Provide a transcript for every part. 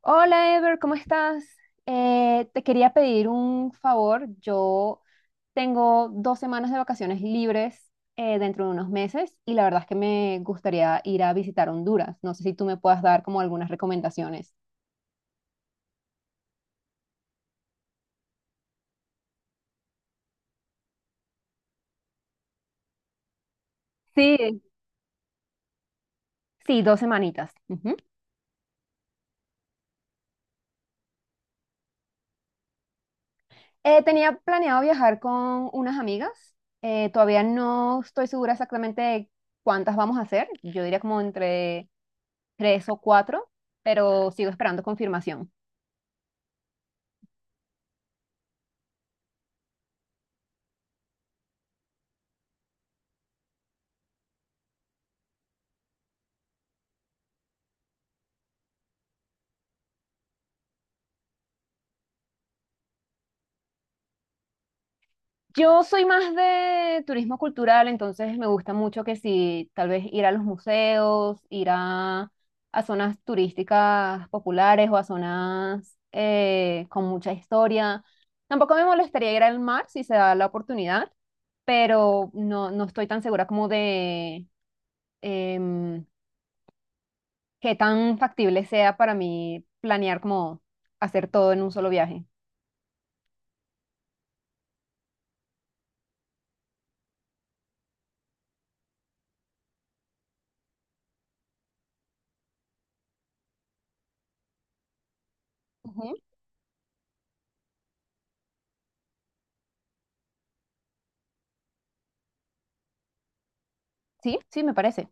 Hola Ever, ¿cómo estás? Te quería pedir un favor. Yo tengo 2 semanas de vacaciones libres dentro de unos meses y la verdad es que me gustaría ir a visitar Honduras. No sé si tú me puedas dar como algunas recomendaciones. Sí, sí, 2 semanitas. Ujú. Tenía planeado viajar con unas amigas. Todavía no estoy segura exactamente de cuántas vamos a hacer. Yo diría como entre tres o cuatro, pero sigo esperando confirmación. Yo soy más de turismo cultural, entonces me gusta mucho que si tal vez ir a los museos, ir a zonas turísticas populares o a zonas con mucha historia. Tampoco me molestaría ir al mar si se da la oportunidad, pero no, no estoy tan segura como de em, qué tan factible sea para mí planear como hacer todo en un solo viaje. Ujú. Sí, sí, me parece.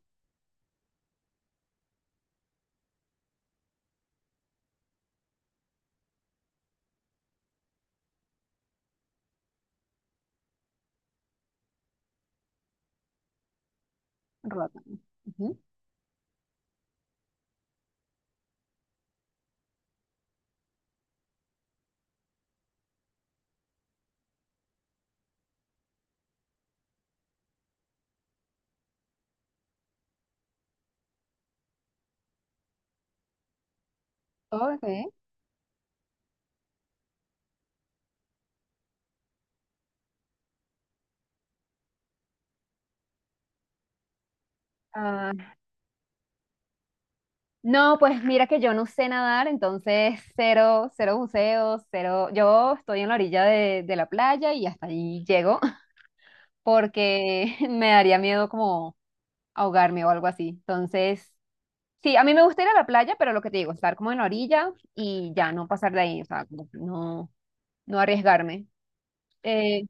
Roatán. Ujú. Ok. Ah, no, pues mira que yo no sé nadar, entonces cero, cero buceos, cero. Yo estoy en la orilla de la playa y hasta ahí llego porque me daría miedo como ahogarme o algo así. Entonces, sí, a mí me gusta ir a la playa, pero lo que te digo, estar como en la orilla y ya no pasar de ahí, o sea, como que no, no arriesgarme. Eh,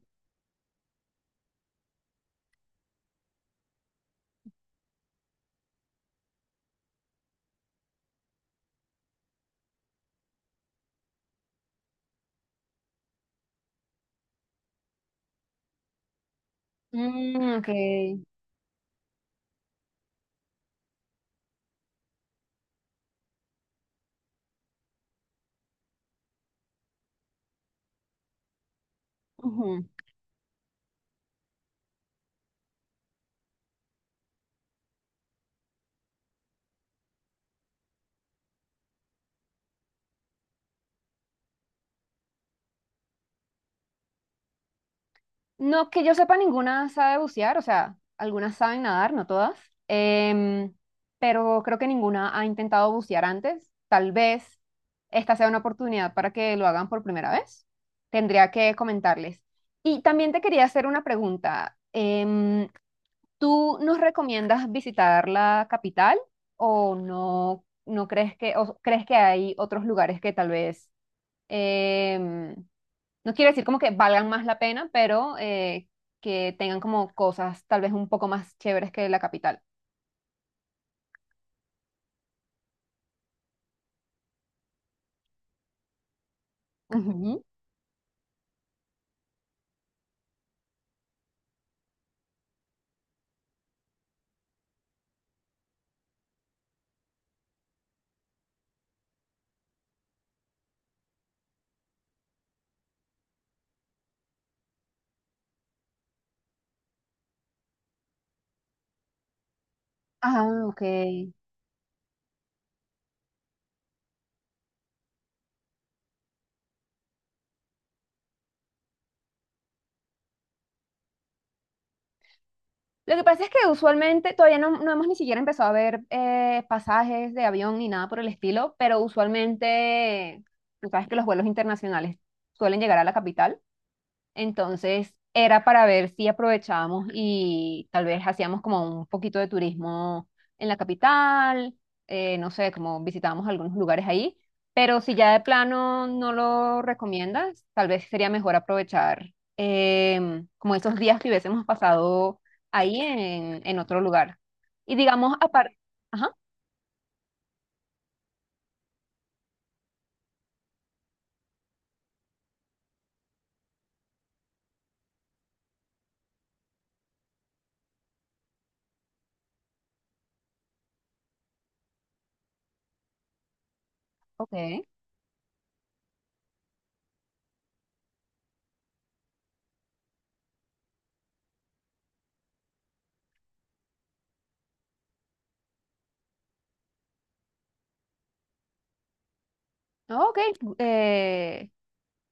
mm, ok. No que yo sepa, ninguna sabe bucear, o sea, algunas saben nadar, no todas, em, pero creo que ninguna ha intentado bucear antes. Tal vez esta sea una oportunidad para que lo hagan por primera vez. Tendría que comentarles. Y también te quería hacer una pregunta. ¿Tú nos recomiendas visitar la capital o no, no crees que, o crees que hay otros lugares que tal vez em, no quiero decir como que valgan más la pena, pero que tengan como cosas tal vez un poco más chéveres que la capital? Ujú. Ah, ok. Lo que pasa es que usualmente todavía no, no hemos ni siquiera empezado a ver pasajes de avión ni nada por el estilo, pero usualmente, tú sabes que los vuelos internacionales suelen llegar a la capital. Entonces era para ver si aprovechábamos y tal vez hacíamos como un poquito de turismo en la capital, no sé, como visitábamos algunos lugares ahí, pero si ya de plano no lo recomiendas, tal vez sería mejor aprovechar como esos días que hubiésemos pasado ahí en otro lugar. Y digamos, aparte, ajá, ok, ok, eh,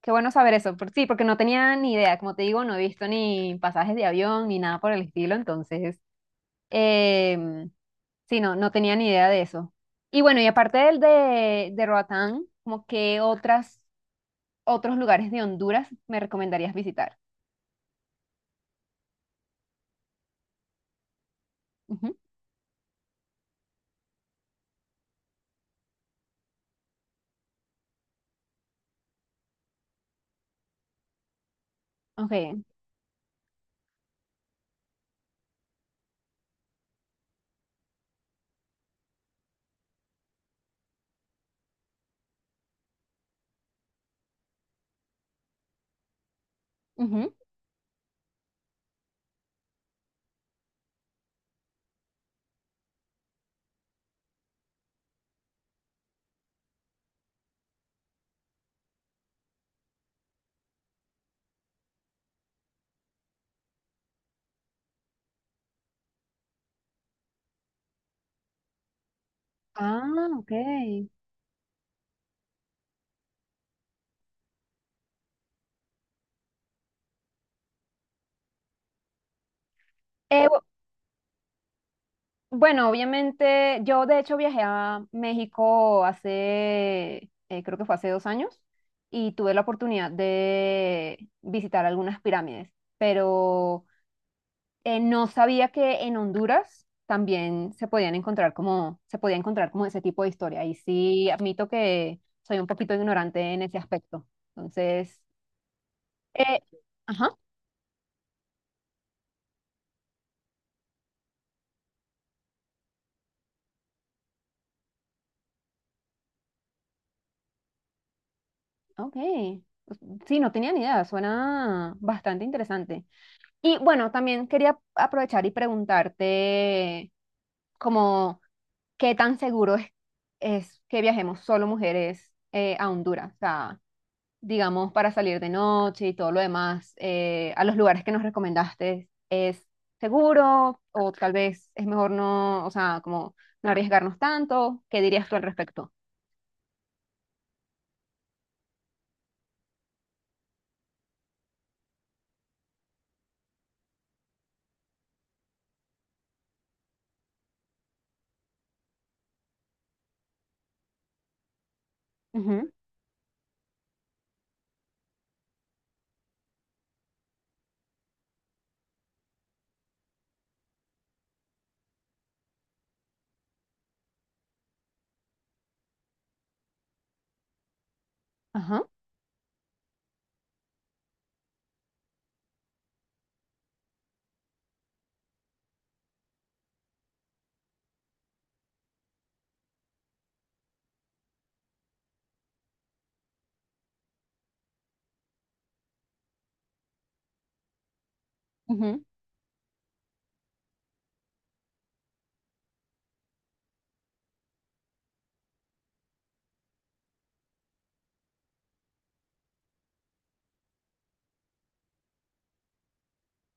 qué bueno saber eso. Sí, porque no tenía ni idea. Como te digo, no he visto ni pasajes de avión ni nada por el estilo. Entonces, em, sí, no, no tenía ni idea de eso. Y bueno, y aparte del de Roatán, como que otros lugares de Honduras me recomendarías visitar. Ujú, ok. Ujú. Ah, ok. Bu- Bueno, obviamente, yo de hecho viajé a México hace, creo que fue hace 2 años, y tuve la oportunidad de visitar algunas pirámides, pero no sabía que en Honduras también se podían encontrar como, se podía encontrar como ese tipo de historia. Y sí, admito que soy un poquito ignorante en ese aspecto. Entonces, eh, ajá, ok. Pues, sí, no tenía ni idea, suena bastante interesante. Y bueno, también quería aprovechar y preguntarte como qué tan seguro es que viajemos solo mujeres a Honduras, o sea, digamos, para salir de noche y todo lo demás, a los lugares que nos recomendaste, ¿es seguro o tal vez es mejor no, o sea, como no arriesgarnos tanto? ¿Qué dirías tú al respecto? Ujú, ajá, ujú,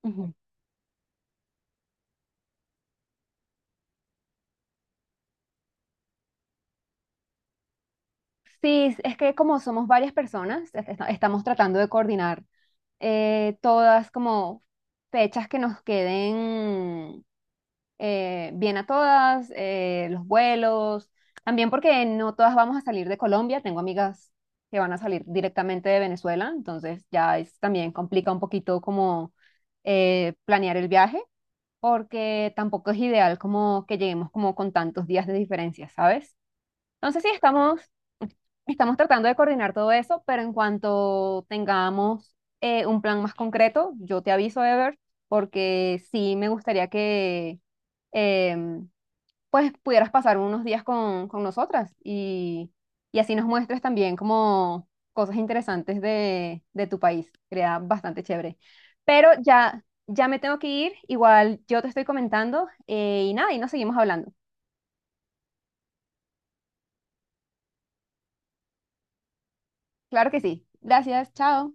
ujú. Sí, es que como somos varias personas, estamos tratando de coordinar todas como fechas que nos queden bien a todas, los vuelos, también porque no todas vamos a salir de Colombia, tengo amigas que van a salir directamente de Venezuela, entonces ya es, también complica un poquito como planear el viaje, porque tampoco es ideal como que lleguemos como con tantos días de diferencia, ¿sabes? Entonces sí, estamos, estamos tratando de coordinar todo eso, pero en cuanto tengamos un plan más concreto, yo te aviso, Ever, porque sí me gustaría que em, pues pudieras pasar unos días con nosotras y así nos muestres también como cosas interesantes de tu país. Sería bastante chévere. Pero ya, ya me tengo que ir, igual yo te estoy comentando y nada, y nos seguimos hablando. Claro que sí. Gracias, chao.